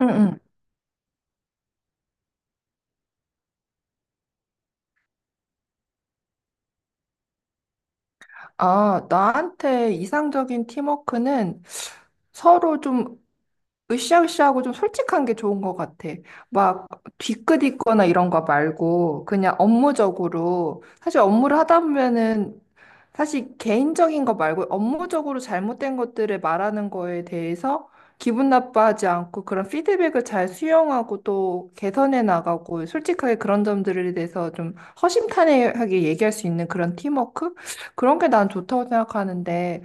응, 응. 아, 나한테 이상적인 팀워크는 서로 좀 으쌰으쌰하고 좀 솔직한 게 좋은 것 같아. 막 뒤끝있거나 이런 거 말고 그냥 업무적으로 사실 업무를 하다 보면은 사실 개인적인 거 말고 업무적으로 잘못된 것들을 말하는 거에 대해서 기분 나빠하지 않고 그런 피드백을 잘 수용하고 또 개선해 나가고 솔직하게 그런 점들에 대해서 좀 허심탄회하게 얘기할 수 있는 그런 팀워크? 그런 게 난 좋다고 생각하는데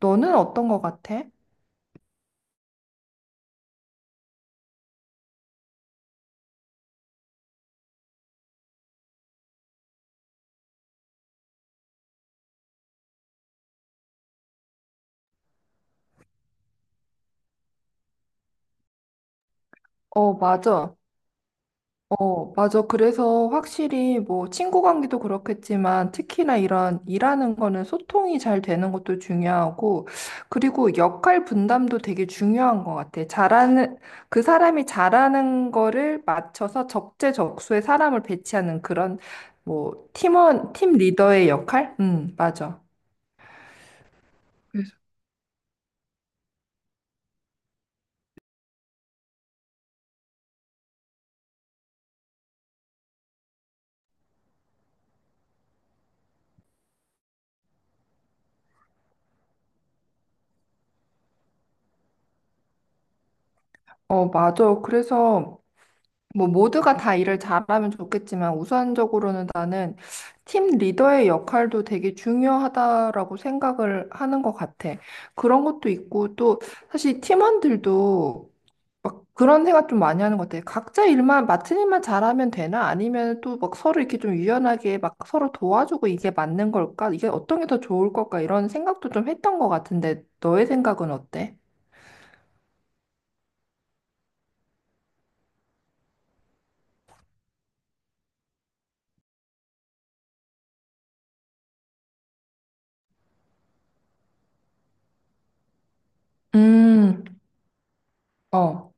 너는 어떤 것 같아? 어, 맞아. 어, 맞아. 그래서 확실히 뭐 친구 관계도 그렇겠지만 특히나 이런 일하는 거는 소통이 잘 되는 것도 중요하고 그리고 역할 분담도 되게 중요한 것 같아. 그 사람이 잘하는 거를 맞춰서 적재적소에 사람을 배치하는 그런 뭐 팀원, 팀 리더의 역할? 맞아. 그래서 어, 맞아. 그래서 뭐 모두가 다 일을 잘하면 좋겠지만 우선적으로는 나는 팀 리더의 역할도 되게 중요하다라고 생각을 하는 것 같아. 그런 것도 있고 또 사실 팀원들도 막 그런 생각 좀 많이 하는 것 같아. 각자 일만 맡은 일만 잘하면 되나? 아니면 또 막 서로 이렇게 좀 유연하게 막 서로 도와주고 이게 맞는 걸까? 이게 어떤 게 더 좋을 걸까? 이런 생각도 좀 했던 것 같은데 너의 생각은 어때? 음, 어,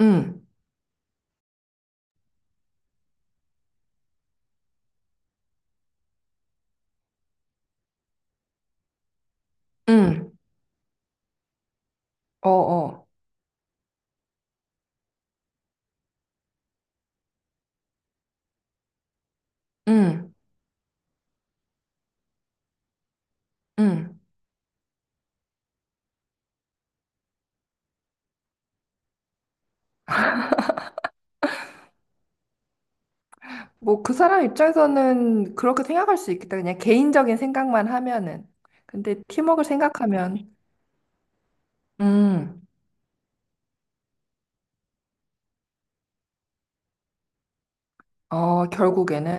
음, 음, 어, 어, 음 응. 뭐 그 사람 입장에서는 그렇게 생각할 수 있겠다. 그냥 개인적인 생각만 하면은. 근데 팀워크를 생각하면, 음, 어, 결국에는,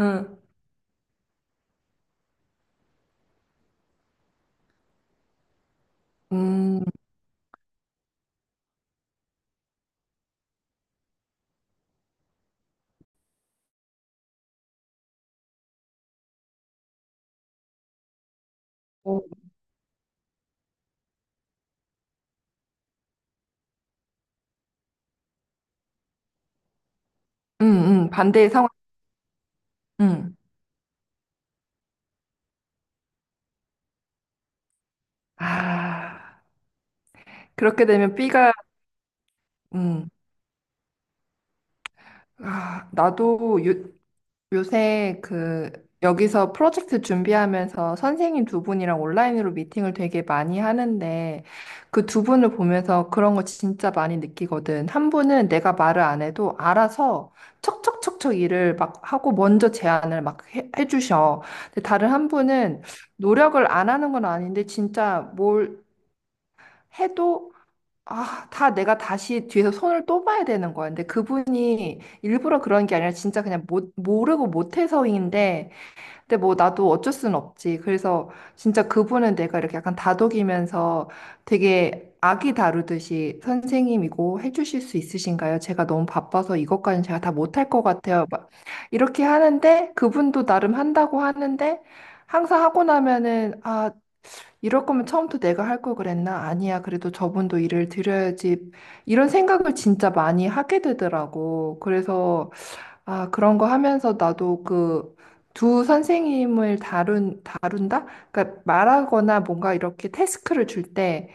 응, 음, 어, 반대의 상황, 음. 아, 그렇게 되면 B가, 음, 아, 요새 그 여기서 프로젝트 준비하면서 선생님 두 분이랑 온라인으로 미팅을 되게 많이 하는데 그 두 분을 보면서 그런 거 진짜 많이 느끼거든. 한 분은 내가 말을 안 해도 알아서 척척척척 일을 막 하고 먼저 제안을 막 해주셔. 근데 다른 한 분은 노력을 안 하는 건 아닌데 진짜 뭘 해도 아, 다 내가 다시 뒤에서 손을 또 봐야 되는 거야. 근데 그분이 일부러 그런 게 아니라 진짜 그냥 못, 모르고 못해서인데, 근데 뭐 나도 어쩔 수는 없지. 그래서 진짜 그분은 내가 이렇게 약간 다독이면서 되게 아기 다루듯이 선생님이고 해주실 수 있으신가요? 제가 너무 바빠서 이것까지는 제가 다 못할 것 같아요. 막 이렇게 하는데, 그분도 나름 한다고 하는데, 항상 하고 나면은, 아, 이럴 거면 처음부터 내가 할 걸 그랬나? 아니야. 그래도 저분도 일을 드려야지. 이런 생각을 진짜 많이 하게 되더라고. 그래서, 아, 그런 거 하면서 나도 그 두 선생님을 다룬다? 그러니까 말하거나 뭔가 이렇게 태스크를 줄 때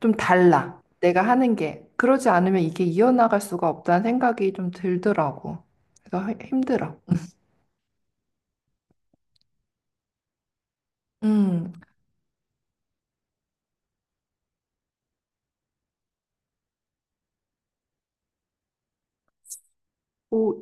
좀 달라. 내가 하는 게. 그러지 않으면 이게 이어나갈 수가 없다는 생각이 좀 들더라고. 그래서 힘들어. 음, 오,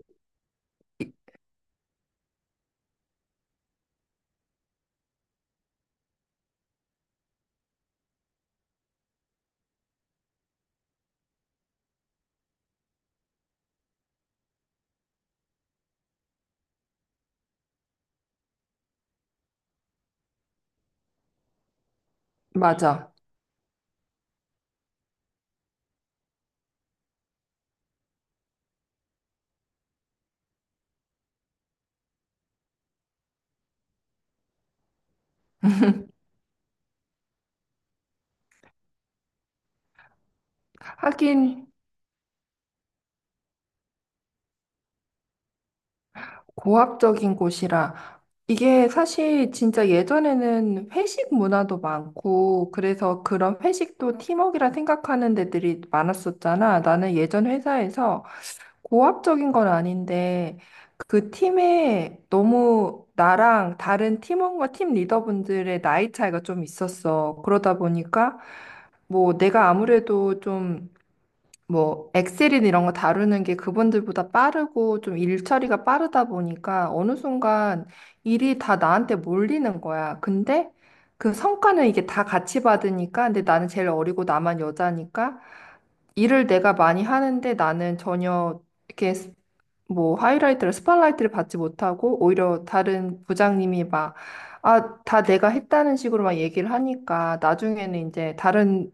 맞아. 하긴. 고압적인 곳이라 이게 사실 진짜 예전에는 회식 문화도 많고 그래서 그런 회식도 팀워크라 생각하는 데들이 많았었잖아. 나는 예전 회사에서 고압적인 건 아닌데 그 팀에 너무 나랑 다른 팀원과 팀 리더분들의 나이 차이가 좀 있었어. 그러다 보니까 뭐 내가 아무래도 좀 뭐 엑셀이나 이런 거 다루는 게 그분들보다 빠르고 좀 일 처리가 빠르다 보니까 어느 순간 일이 다 나한테 몰리는 거야. 근데 그 성과는 이게 다 같이 받으니까 근데 나는 제일 어리고 나만 여자니까 일을 내가 많이 하는데 나는 전혀 이렇게 뭐 하이라이트를 스팟라이트를 받지 못하고 오히려 다른 부장님이 막 아, 다 내가 했다는 식으로 막 얘기를 하니까 나중에는 이제 다른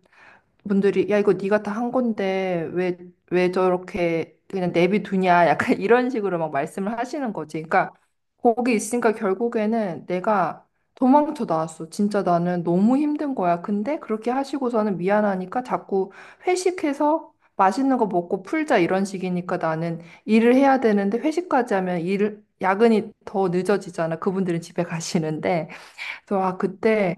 분들이 야 이거 네가 다 한 건데 왜 저렇게 그냥 내비두냐 약간 이런 식으로 막 말씀을 하시는 거지. 그러니까 거기 있으니까 결국에는 내가 도망쳐 나왔어. 진짜 나는 너무 힘든 거야. 근데 그렇게 하시고서는 미안하니까 자꾸 회식해서 맛있는 거 먹고 풀자 이런 식이니까 나는 일을 해야 되는데 회식까지 하면 일 야근이 더 늦어지잖아. 그분들은 집에 가시는데. 그래서 아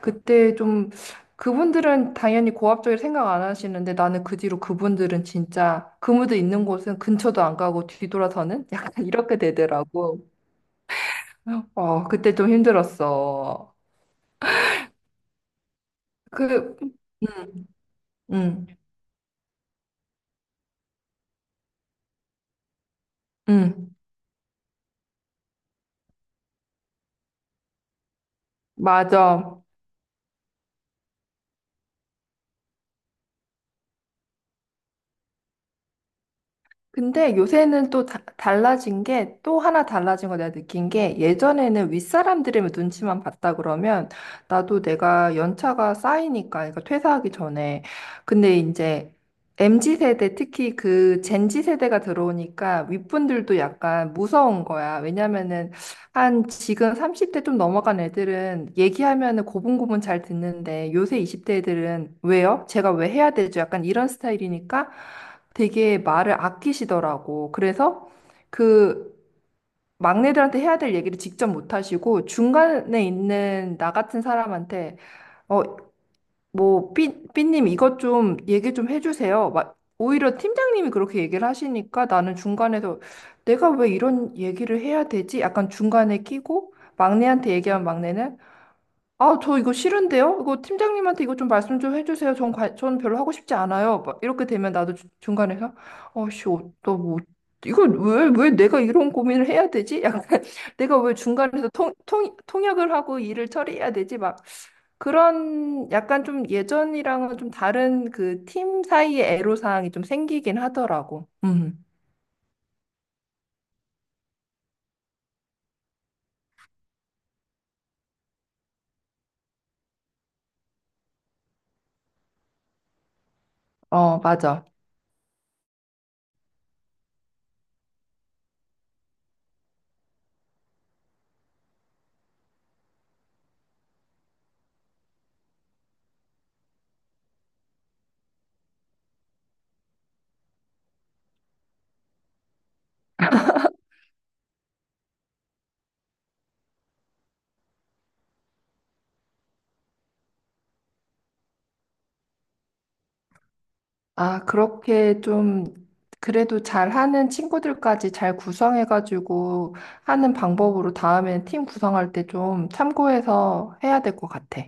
그때 좀 그분들은 당연히 고압적일 생각 안 하시는데 나는 그 뒤로 그분들은 진짜 그무도 있는 곳은 근처도 안 가고 뒤돌아서는 약간 이렇게 되더라고. 어 그때 좀 힘들었어. 그 음, 음, 음. 맞아. 근데 요새는 또 달라진 게 또 하나 달라진 거 내가 느낀 게 예전에는 윗사람들의 눈치만 봤다 그러면 나도 내가 연차가 쌓이니까 그러니까 퇴사하기 전에 근데 이제 MZ 세대 특히 그 젠지 세대가 들어오니까 윗분들도 약간 무서운 거야. 왜냐면은 한 지금 30대 좀 넘어간 애들은 얘기하면은 고분고분 잘 듣는데 요새 20대 애들은 왜요? 제가 왜 해야 되죠? 약간 이런 스타일이니까 되게 말을 아끼시더라고. 그래서 그 막내들한테 해야 될 얘기를 직접 못 하시고 중간에 있는 나 같은 사람한테 어, 뭐, 삐, 삐님 이것 좀 얘기 좀 해주세요. 막, 오히려 팀장님이 그렇게 얘기를 하시니까 나는 중간에서 내가 왜 이런 얘기를 해야 되지? 약간 중간에 끼고 막내한테 얘기하면 막내는 아, 저 이거 싫은데요? 이거 팀장님한테 이거 좀 말씀 좀 해주세요. 전 별로 하고 싶지 않아요. 막 이렇게 되면 나도 중간에서 어씨, 너 뭐, 이걸 왜, 왜 내가 이런 고민을 해야 되지? 약간 내가 왜 중간에서 통역을 하고 일을 처리해야 되지? 막 그런 약간 좀 예전이랑은 좀 다른 그 팀 사이의 애로사항이 좀 생기긴 하더라고. 음. 어, 맞아. 아, 그렇게 좀 그래도 잘하는 친구들까지 잘 구성해가지고 하는 방법으로 다음에 팀 구성할 때 좀 참고해서 해야 될 것 같아.